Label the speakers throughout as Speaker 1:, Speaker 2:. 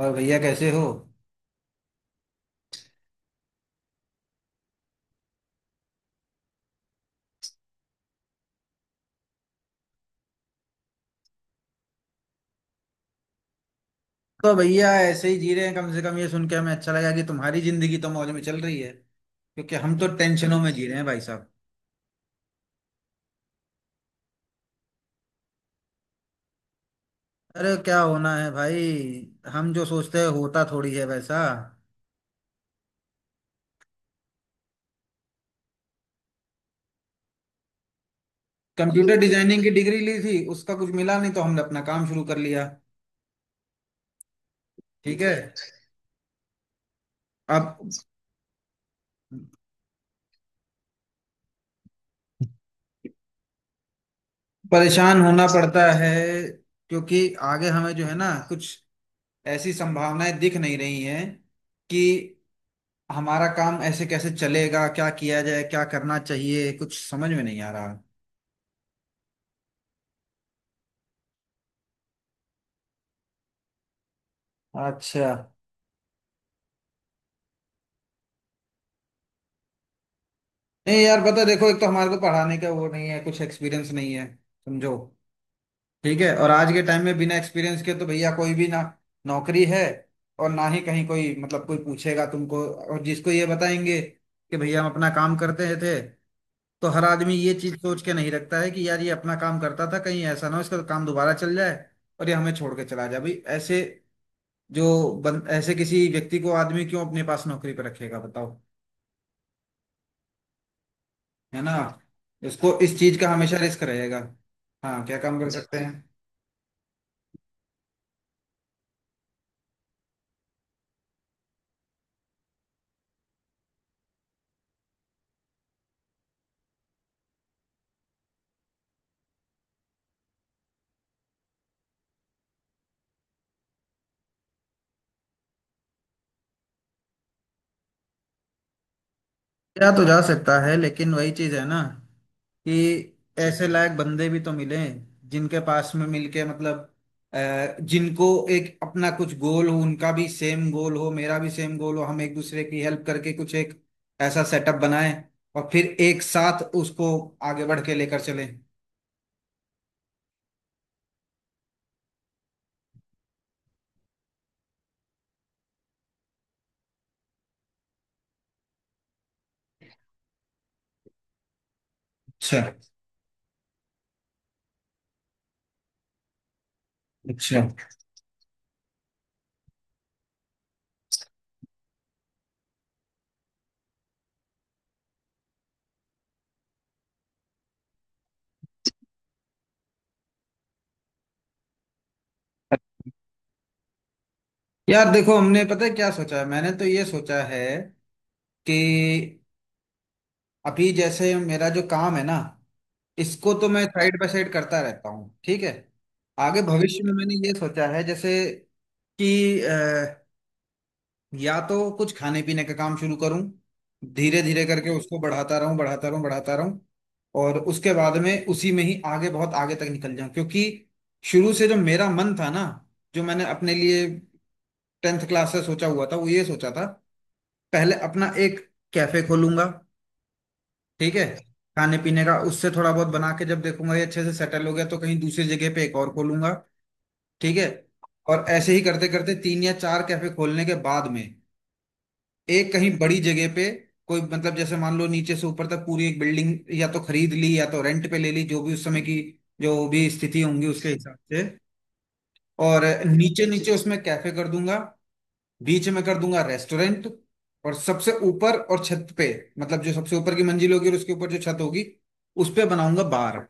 Speaker 1: और भैया कैसे हो। तो भैया ऐसे ही जी रहे हैं, कम से कम ये सुन के हमें अच्छा लगा कि तुम्हारी जिंदगी तो मौज में चल रही है। क्योंकि हम तो टेंशनों में जी रहे हैं भाई साहब। अरे क्या होना है भाई, हम जो सोचते हैं होता थोड़ी है वैसा। कंप्यूटर डिजाइनिंग की डिग्री ली थी, उसका कुछ मिला नहीं तो हमने अपना काम शुरू कर लिया। ठीक है। अब परेशान होना पड़ता है क्योंकि आगे हमें जो है ना कुछ ऐसी संभावनाएं दिख नहीं रही हैं कि हमारा काम ऐसे कैसे चलेगा, क्या किया जाए, क्या करना चाहिए, कुछ समझ में नहीं आ रहा। अच्छा। नहीं यार, पता है, देखो, एक तो हमारे को पढ़ाने का वो नहीं है, कुछ एक्सपीरियंस नहीं है समझो। ठीक है। और आज के टाइम में बिना एक्सपीरियंस के तो भैया कोई भी ना नौकरी है और ना ही कहीं कोई मतलब कोई पूछेगा तुमको। और जिसको ये बताएंगे कि भैया हम अपना काम करते थे, तो हर आदमी ये चीज सोच के नहीं रखता है कि यार ये अपना काम करता था कहीं ऐसा ना हो इसका तो काम दोबारा चल जाए और ये हमें छोड़ के चला जाए भाई। ऐसे ऐसे किसी व्यक्ति को आदमी क्यों अपने पास नौकरी पर रखेगा बताओ। है ना। उसको इस चीज का हमेशा रिस्क रहेगा। हाँ क्या काम कर सकते हैं। या तो जा सकता है लेकिन वही चीज है ना कि ऐसे लायक बंदे भी तो मिले जिनके पास में मिलके मतलब जिनको एक अपना कुछ गोल हो, उनका भी सेम गोल हो, मेरा भी सेम गोल हो, हम एक दूसरे की हेल्प करके कुछ एक ऐसा सेटअप बनाएं और फिर एक साथ उसको आगे बढ़ के लेकर चलें। अच्छा अच्छा। यार देखो, हमने पता है क्या सोचा है, मैंने तो ये सोचा है कि अभी जैसे मेरा जो काम है ना, इसको तो मैं साइड बाय साइड करता रहता हूँ, ठीक है। आगे भविष्य में मैंने ये सोचा है, जैसे कि अ, या तो कुछ खाने पीने का काम शुरू करूँ, धीरे धीरे करके उसको बढ़ाता रहूँ, बढ़ाता रहूँ, बढ़ाता रहूँ और उसके बाद में उसी में ही आगे बहुत आगे तक निकल जाऊं। क्योंकि शुरू से जो मेरा मन था ना, जो मैंने अपने लिए टेंथ क्लास से सोचा हुआ था, वो ये सोचा था, पहले अपना एक कैफे खोलूंगा, ठीक है। खाने पीने का उससे थोड़ा बहुत बना के, जब देखूंगा ये अच्छे से सेटल हो गया तो कहीं दूसरी जगह पे एक और खोलूंगा, ठीक है। और ऐसे ही करते करते तीन या चार कैफे खोलने के बाद में एक कहीं बड़ी जगह पे कोई मतलब जैसे मान लो नीचे से ऊपर तक पूरी एक बिल्डिंग या तो खरीद ली या तो रेंट पे ले ली, जो भी उस समय की जो भी स्थिति होंगी उसके हिसाब से। और नीचे नीचे उसमें कैफे कर दूंगा, बीच में कर दूंगा रेस्टोरेंट, और सबसे ऊपर और छत पे, मतलब जो सबसे ऊपर की मंजिल होगी और उसके ऊपर जो छत होगी, उस पे बनाऊंगा बार।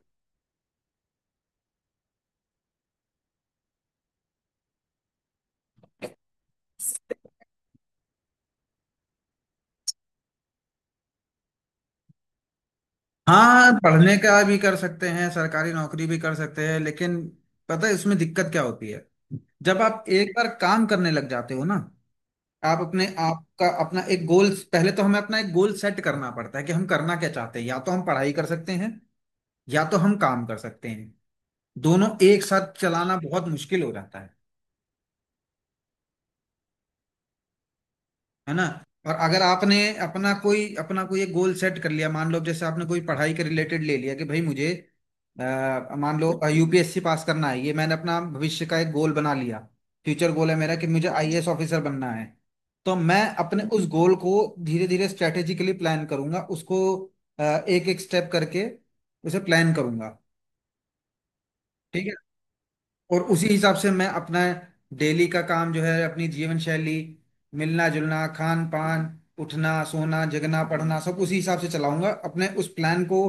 Speaker 1: हाँ पढ़ने का भी कर सकते हैं, सरकारी नौकरी भी कर सकते हैं, लेकिन पता है इसमें दिक्कत क्या होती है, जब आप एक बार काम करने लग जाते हो ना, आप अपने आप का अपना एक गोल पहले तो हमें अपना एक गोल सेट करना पड़ता है कि हम करना क्या चाहते हैं, या तो हम पढ़ाई कर सकते हैं या तो हम काम कर सकते हैं। दोनों एक साथ चलाना बहुत मुश्किल हो जाता है। है ना। और अगर आपने अपना कोई एक गोल सेट कर लिया, मान लो जैसे आपने कोई पढ़ाई के रिलेटेड ले लिया कि भाई मुझे अ, मान लो यूपीएससी पास करना है, ये मैंने अपना भविष्य का एक गोल बना लिया। फ्यूचर गोल है मेरा कि मुझे आईएएस ऑफिसर बनना है, तो मैं अपने उस गोल को धीरे धीरे स्ट्रेटेजिकली प्लान करूंगा, उसको एक एक स्टेप करके उसे प्लान करूंगा, ठीक है। और उसी हिसाब से मैं अपना डेली का काम जो है, अपनी जीवन शैली, मिलना जुलना, खान पान, उठना सोना, जगना, पढ़ना, सब उसी हिसाब से चलाऊंगा अपने उस प्लान को।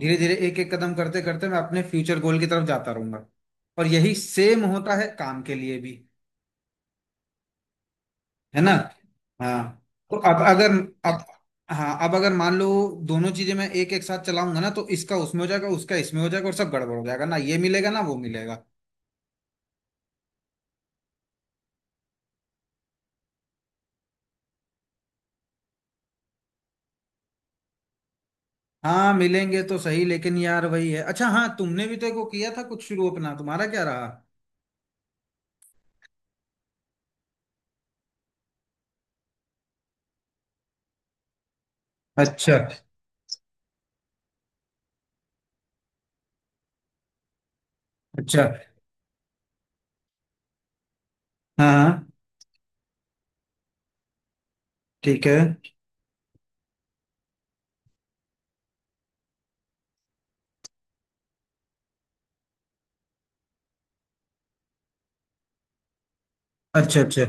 Speaker 1: धीरे धीरे एक एक कदम करते करते मैं अपने फ्यूचर गोल की तरफ जाता रहूंगा। और यही सेम होता है काम के लिए भी। है ना। हाँ। तो अब अगर अब हाँ, अब अगर मान लो दोनों चीजें मैं एक एक साथ चलाऊंगा ना तो इसका उसमें हो जाएगा, उसका इसमें हो जाएगा और सब गड़बड़ हो जाएगा, ना ये मिलेगा ना वो मिलेगा। हाँ मिलेंगे तो सही, लेकिन यार वही है। अच्छा हाँ, तुमने भी तो एक वो किया था कुछ शुरू अपना, तुम्हारा क्या रहा। अच्छा अच्छा। हाँ हाँ, ठीक है। अच्छा अच्छा।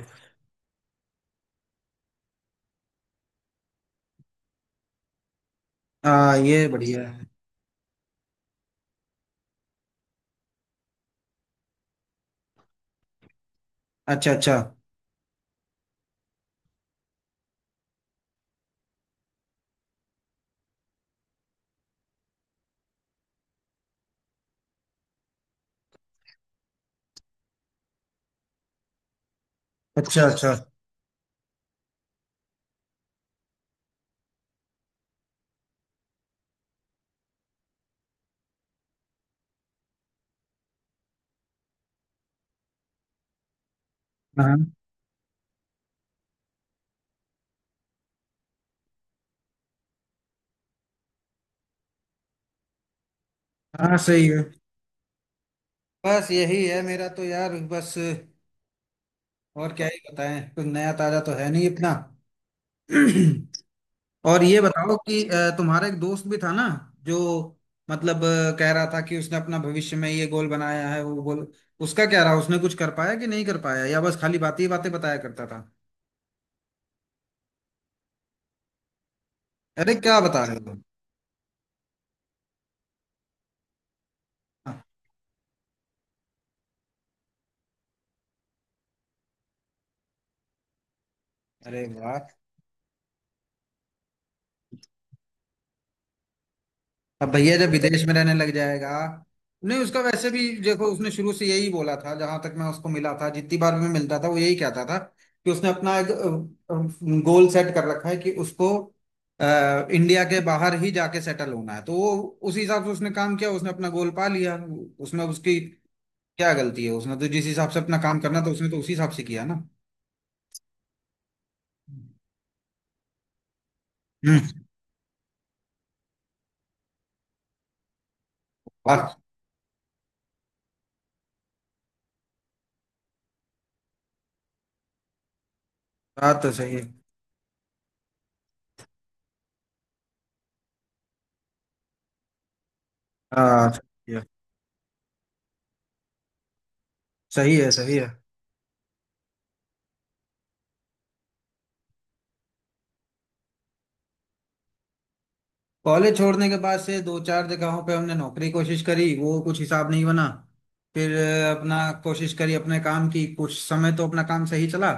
Speaker 1: हाँ ये बढ़िया है। अच्छा अच्छा। अच्छा अच्छा। हाँ। हाँ सही है। बस यही है मेरा तो यार, बस और क्या ही बताएं, कुछ नया ताजा तो है नहीं इतना। और ये बताओ कि तुम्हारा एक दोस्त भी था ना, जो मतलब कह रहा था कि उसने अपना भविष्य में ये गोल बनाया है वो गोल, उसका क्या रहा, उसने कुछ कर पाया कि नहीं कर पाया, या बस खाली बातें ही बातें बताया करता था। अरे क्या बता रहे हो। हाँ। अरे वाह। अब भैया जब विदेश में रहने लग जाएगा। नहीं उसका वैसे भी देखो, उसने शुरू से यही बोला था, जहां तक मैं उसको मिला था, जितनी बार भी मैं मिलता था वो यही कहता था कि उसने अपना एक गोल सेट कर रखा है कि उसको इंडिया के बाहर ही जाके सेटल होना है। तो वो उस हिसाब से उसने काम किया, उसने अपना गोल पा लिया। उसमें उसकी क्या गलती है, उसने तो जिस हिसाब से अपना काम करना था उसने तो उसी हिसाब से किया ना। हम्म। बात बात तो सही है। हाँ सही है। सही है सही है। कॉलेज छोड़ने के बाद से दो चार जगहों पे हमने नौकरी कोशिश करी, वो कुछ हिसाब नहीं बना। फिर अपना कोशिश करी अपने काम की, कुछ समय तो अपना काम सही चला।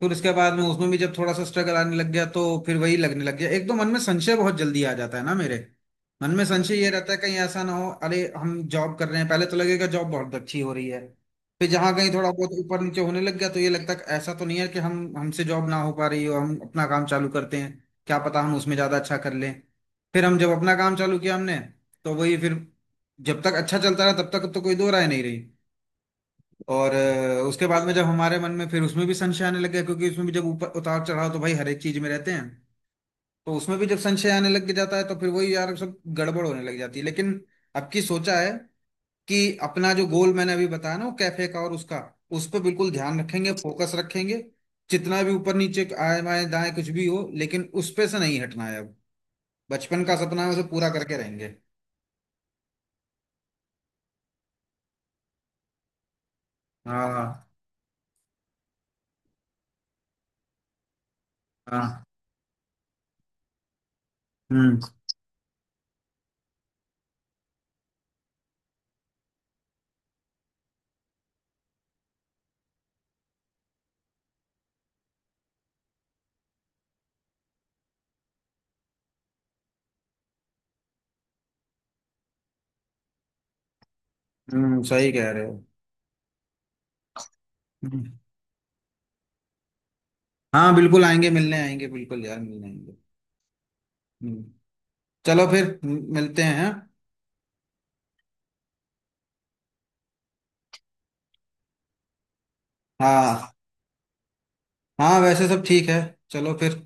Speaker 1: फिर उसके बाद में उसमें भी जब थोड़ा सा स्ट्रगल आने लग गया तो फिर वही लगने लग गया। एक तो मन में संशय बहुत जल्दी आ जाता है ना मेरे। मन में संशय ये रहता है कहीं ऐसा ना हो, अरे हम जॉब कर रहे हैं, पहले तो लगेगा जॉब बहुत अच्छी हो रही है, फिर जहाँ कहीं थोड़ा बहुत ऊपर नीचे होने लग गया तो ये लगता है कि ऐसा तो नहीं है कि हम हमसे जॉब ना हो पा रही हो, हम अपना काम चालू करते हैं, क्या पता हम उसमें ज्यादा अच्छा कर लें। फिर हम जब अपना काम चालू किया हमने, तो वही फिर जब तक अच्छा चलता रहा तब तक तो कोई दो राय नहीं रही। और उसके बाद में जब हमारे मन में फिर उसमें भी संशय आने लग गया, क्योंकि उसमें भी जब ऊपर उतार चढ़ाव तो भाई हर एक चीज में रहते हैं, तो उसमें भी जब संशय आने लग जाता है तो फिर वही यार सब गड़बड़ होने लग जाती है। लेकिन अब की सोचा है कि अपना जो गोल मैंने अभी बताया ना, वो कैफे का और उसका, उस पर बिल्कुल ध्यान रखेंगे, फोकस रखेंगे। जितना भी ऊपर नीचे आए, बाएं दाएं कुछ भी हो, लेकिन उस पे से नहीं हटना है अब। बचपन का सपना है, उसे पूरा करके रहेंगे। हाँ हाँ। हम्म। सही कह रहे हो। हाँ बिल्कुल आएंगे, मिलने आएंगे बिल्कुल यार, मिलने आएंगे। हम्म, चलो फिर मिलते हैं। हाँ। हाँ हाँ, वैसे सब ठीक है। चलो फिर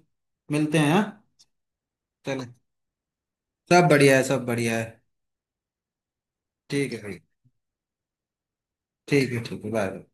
Speaker 1: मिलते हैं हाँ? चलो, सब बढ़िया है, सब बढ़िया है। ठीक है भाई। ठीक है ठीक है, बाय।